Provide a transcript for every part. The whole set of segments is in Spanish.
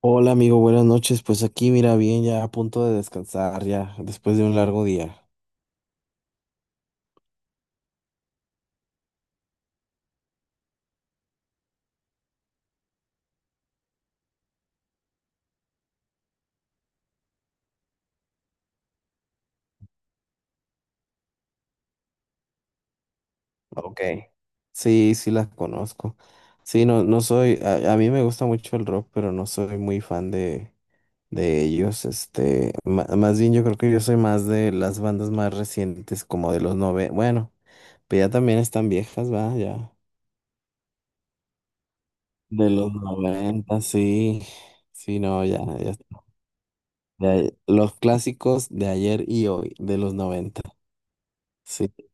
Hola amigo, buenas noches. Pues aquí, mira, bien, ya a punto de descansar, ya después de un largo día. Ok, sí, sí las conozco. Sí, no, no soy, a mí me gusta mucho el rock, pero no soy muy fan de ellos. Más bien yo creo que yo soy más de las bandas más recientes, como de los nove, bueno, pero ya también están viejas, va, ya. De los noventa, sí. Sí, no, ya, ya, ya, los clásicos de ayer y hoy, de los noventa. Sí.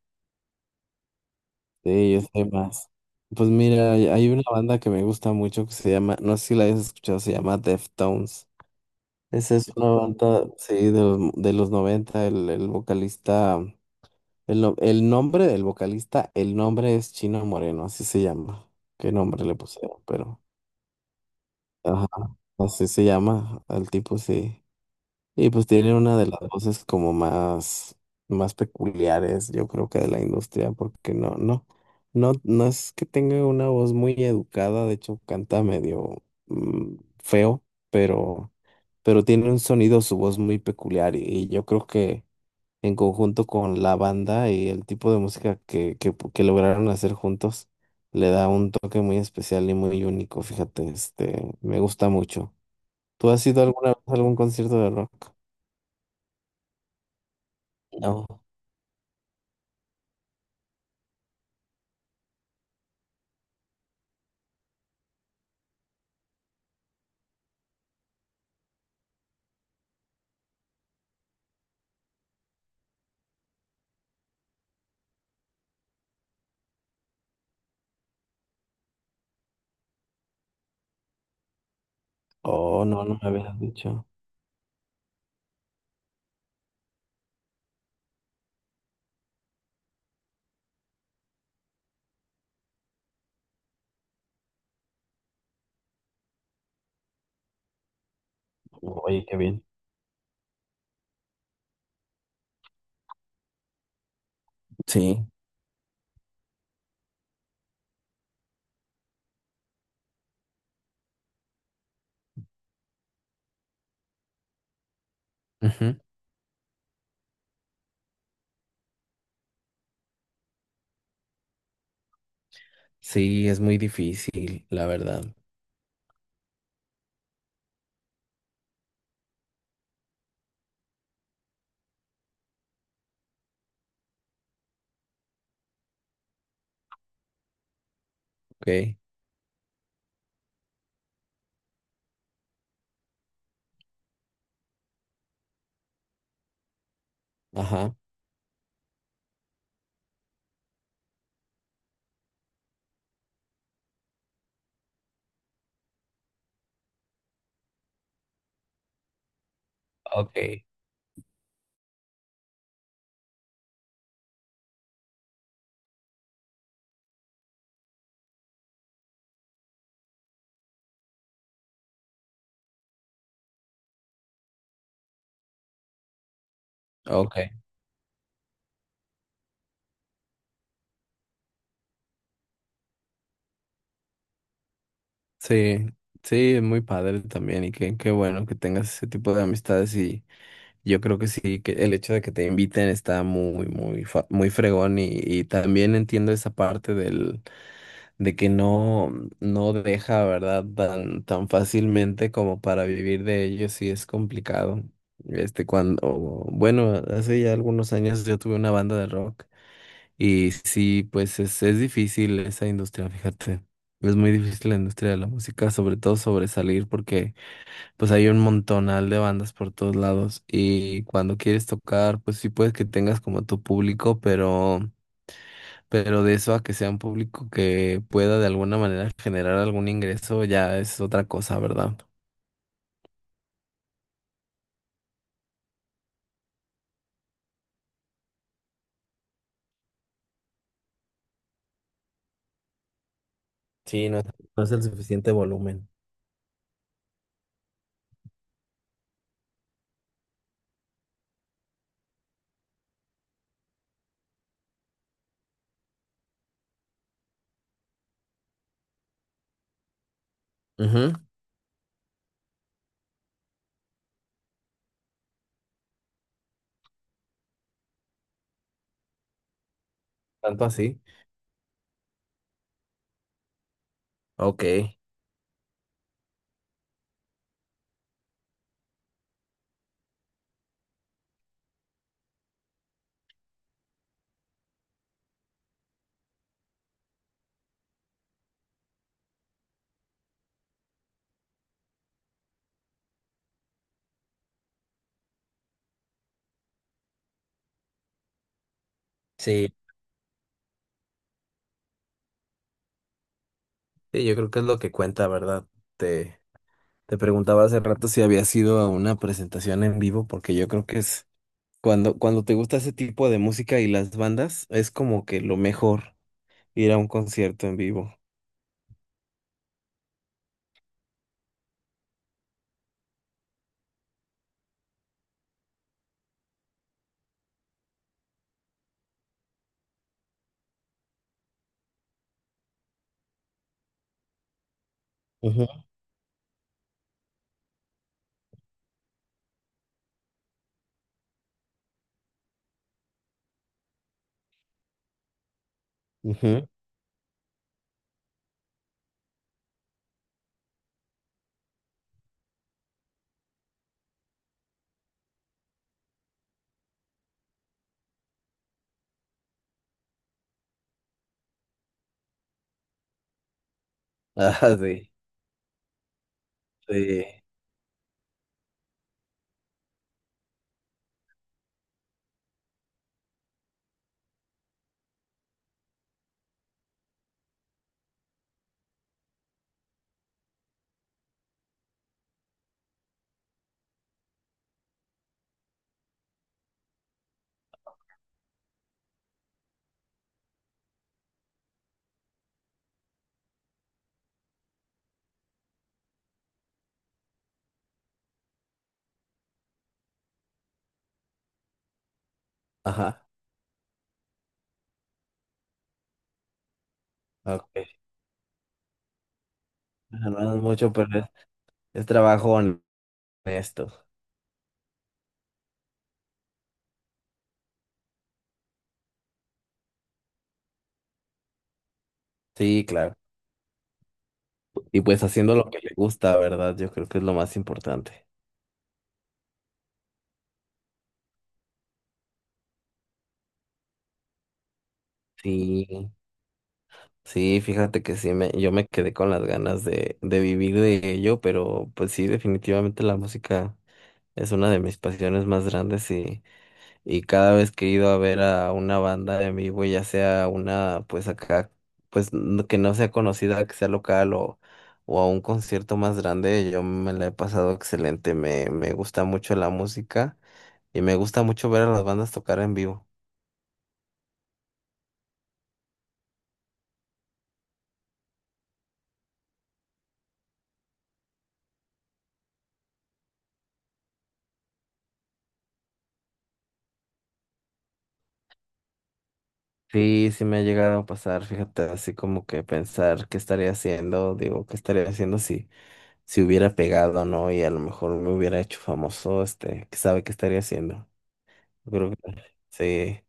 Sí, yo sé más. Pues mira, hay una banda que me gusta mucho que se llama, no sé si la hayas escuchado, se llama Deftones. Esa es una banda, sí, de los noventa, el vocalista, el, no- el nombre del vocalista, el nombre es Chino Moreno, así se llama. ¿Qué nombre le pusieron? Pero ajá, así se llama al tipo, sí. Y pues tiene una de las voces como más, más peculiares, yo creo que de la industria, porque no, no, no, no es que tenga una voz muy educada, de hecho canta medio feo, pero, pero tiene un sonido, su voz muy peculiar, y yo creo que en conjunto con la banda y el tipo de música que, que lograron hacer juntos, le da un toque muy especial y muy único, fíjate, este, me gusta mucho. ¿Tú has ido alguna vez a algún concierto de rock? No. Oh, no, no me habías dicho. Oye, qué bien. Sí. Ujú. Sí, es muy difícil, la verdad. Ok. Ajá. Ok. Ok. Sí. Sí, es muy padre también y qué, qué bueno que tengas ese tipo de amistades y yo creo que sí, que el hecho de que te inviten está muy, muy, muy fregón y también entiendo esa parte del. De que no, no deja, ¿verdad? Tan, tan fácilmente como para vivir de ello, sí es complicado. Este, cuando, bueno, hace ya algunos años yo tuve una banda de rock y sí, pues es difícil esa industria, fíjate. Es muy difícil la industria de la música, sobre todo sobresalir, porque pues hay un montonal de bandas por todos lados y cuando quieres tocar, pues sí puedes que tengas como tu público, pero de eso a que sea un público que pueda de alguna manera generar algún ingreso ya es otra cosa, ¿verdad? Sí, no, no es el suficiente volumen. Ujú. Tanto así. Ok, sí, sí, yo creo que es lo que cuenta, ¿verdad? Te, te preguntaba hace rato si había sido a una presentación en vivo, porque yo creo que es cuando, cuando te gusta ese tipo de música y las bandas, es como que lo mejor ir a un concierto en vivo. Ujú, ujú. Ah, sí, sí. Ajá. Ok. Ajá, no es mucho, pero es trabajo honesto. Sí, claro. Y pues haciendo lo que le gusta, ¿verdad? Yo creo que es lo más importante. Sí, sí, fíjate que sí, me, yo me quedé con las ganas de vivir de ello, pero pues sí, definitivamente la música es una de mis pasiones más grandes y cada vez que he ido a ver a una banda en vivo, ya sea una, pues acá, pues que no sea conocida, que sea local o a un concierto más grande, yo me la he pasado excelente. Me gusta mucho la música y me gusta mucho ver a las bandas tocar en vivo. Sí, sí me ha llegado a pasar, fíjate, así como que pensar qué estaría haciendo, digo, qué estaría haciendo si, si hubiera pegado, ¿no? Y a lo mejor me hubiera hecho famoso, este, que sabe qué estaría haciendo. Yo creo que sí.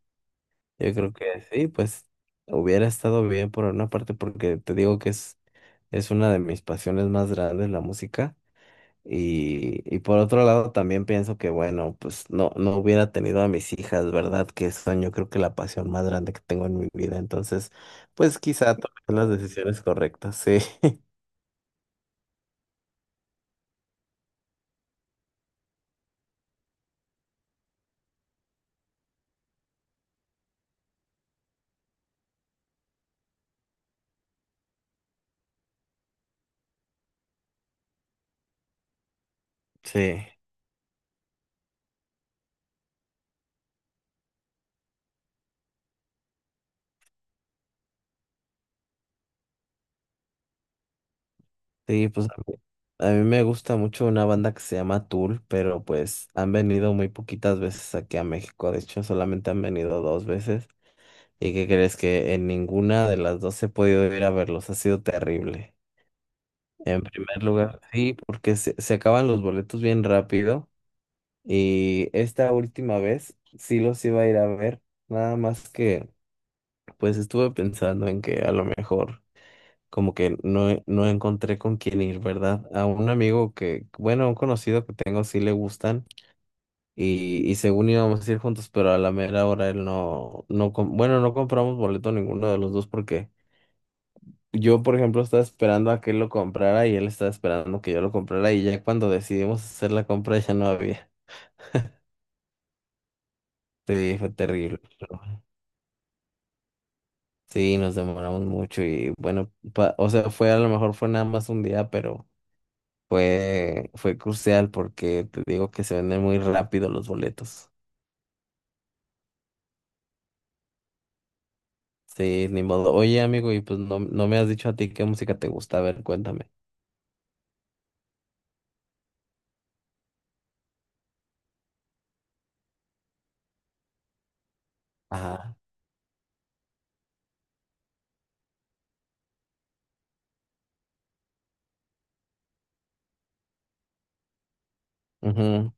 Yo creo que sí, pues hubiera estado bien por una parte porque te digo que es una de mis pasiones más grandes la música y por otro lado también pienso que bueno, pues no, no hubiera tenido a mis hijas, ¿verdad? Que son yo creo que la pasión más grande que tengo en mi vida, entonces pues quizá tomé las decisiones correctas, sí. Sí, sí, pues a mí me gusta mucho una banda que se llama Tool, pero pues han venido muy poquitas veces aquí a México, de hecho solamente han venido dos veces. ¿Y qué crees que en ninguna de las dos he podido ir a verlos? Ha sido terrible. En primer lugar, sí, porque se acaban los boletos bien rápido y esta última vez sí los iba a ir a ver, nada más que pues estuve pensando en que a lo mejor como que no, no encontré con quién ir, ¿verdad? A un amigo que, bueno, un conocido que tengo sí le gustan y según íbamos a ir juntos, pero a la mera hora él no, no, bueno, no compramos boleto ninguno de los dos porque... Yo, por ejemplo, estaba esperando a que él lo comprara y él estaba esperando que yo lo comprara y ya cuando decidimos hacer la compra ya no había. Sí, fue terrible. Pero sí, nos demoramos mucho y bueno, o sea, fue a lo mejor fue nada más un día, pero fue crucial porque te digo que se venden muy rápido los boletos. Sí, ni modo. Oye, amigo, y pues no, no me has dicho a ti qué música te gusta. A ver, cuéntame. Ajá. Ujú.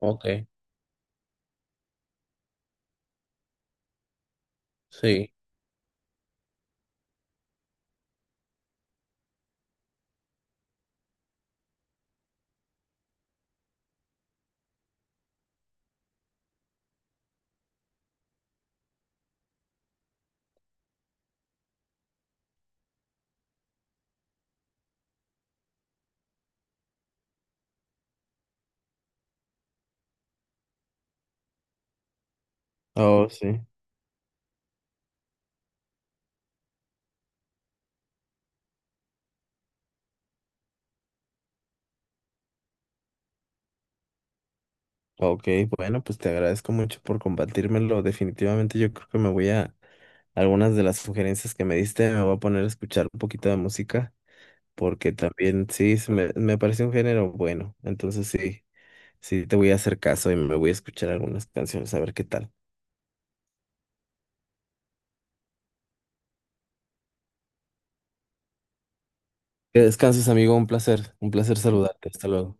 Ok, sí. Oh, sí. Ok, bueno, pues te agradezco mucho por compartírmelo. Definitivamente yo creo que me voy a algunas de las sugerencias que me diste, me voy a poner a escuchar un poquito de música, porque también sí, se me, me parece un género bueno. Entonces sí, sí te voy a hacer caso y me voy a escuchar algunas canciones, a ver qué tal. Que descanses, amigo, un placer saludarte. Hasta luego.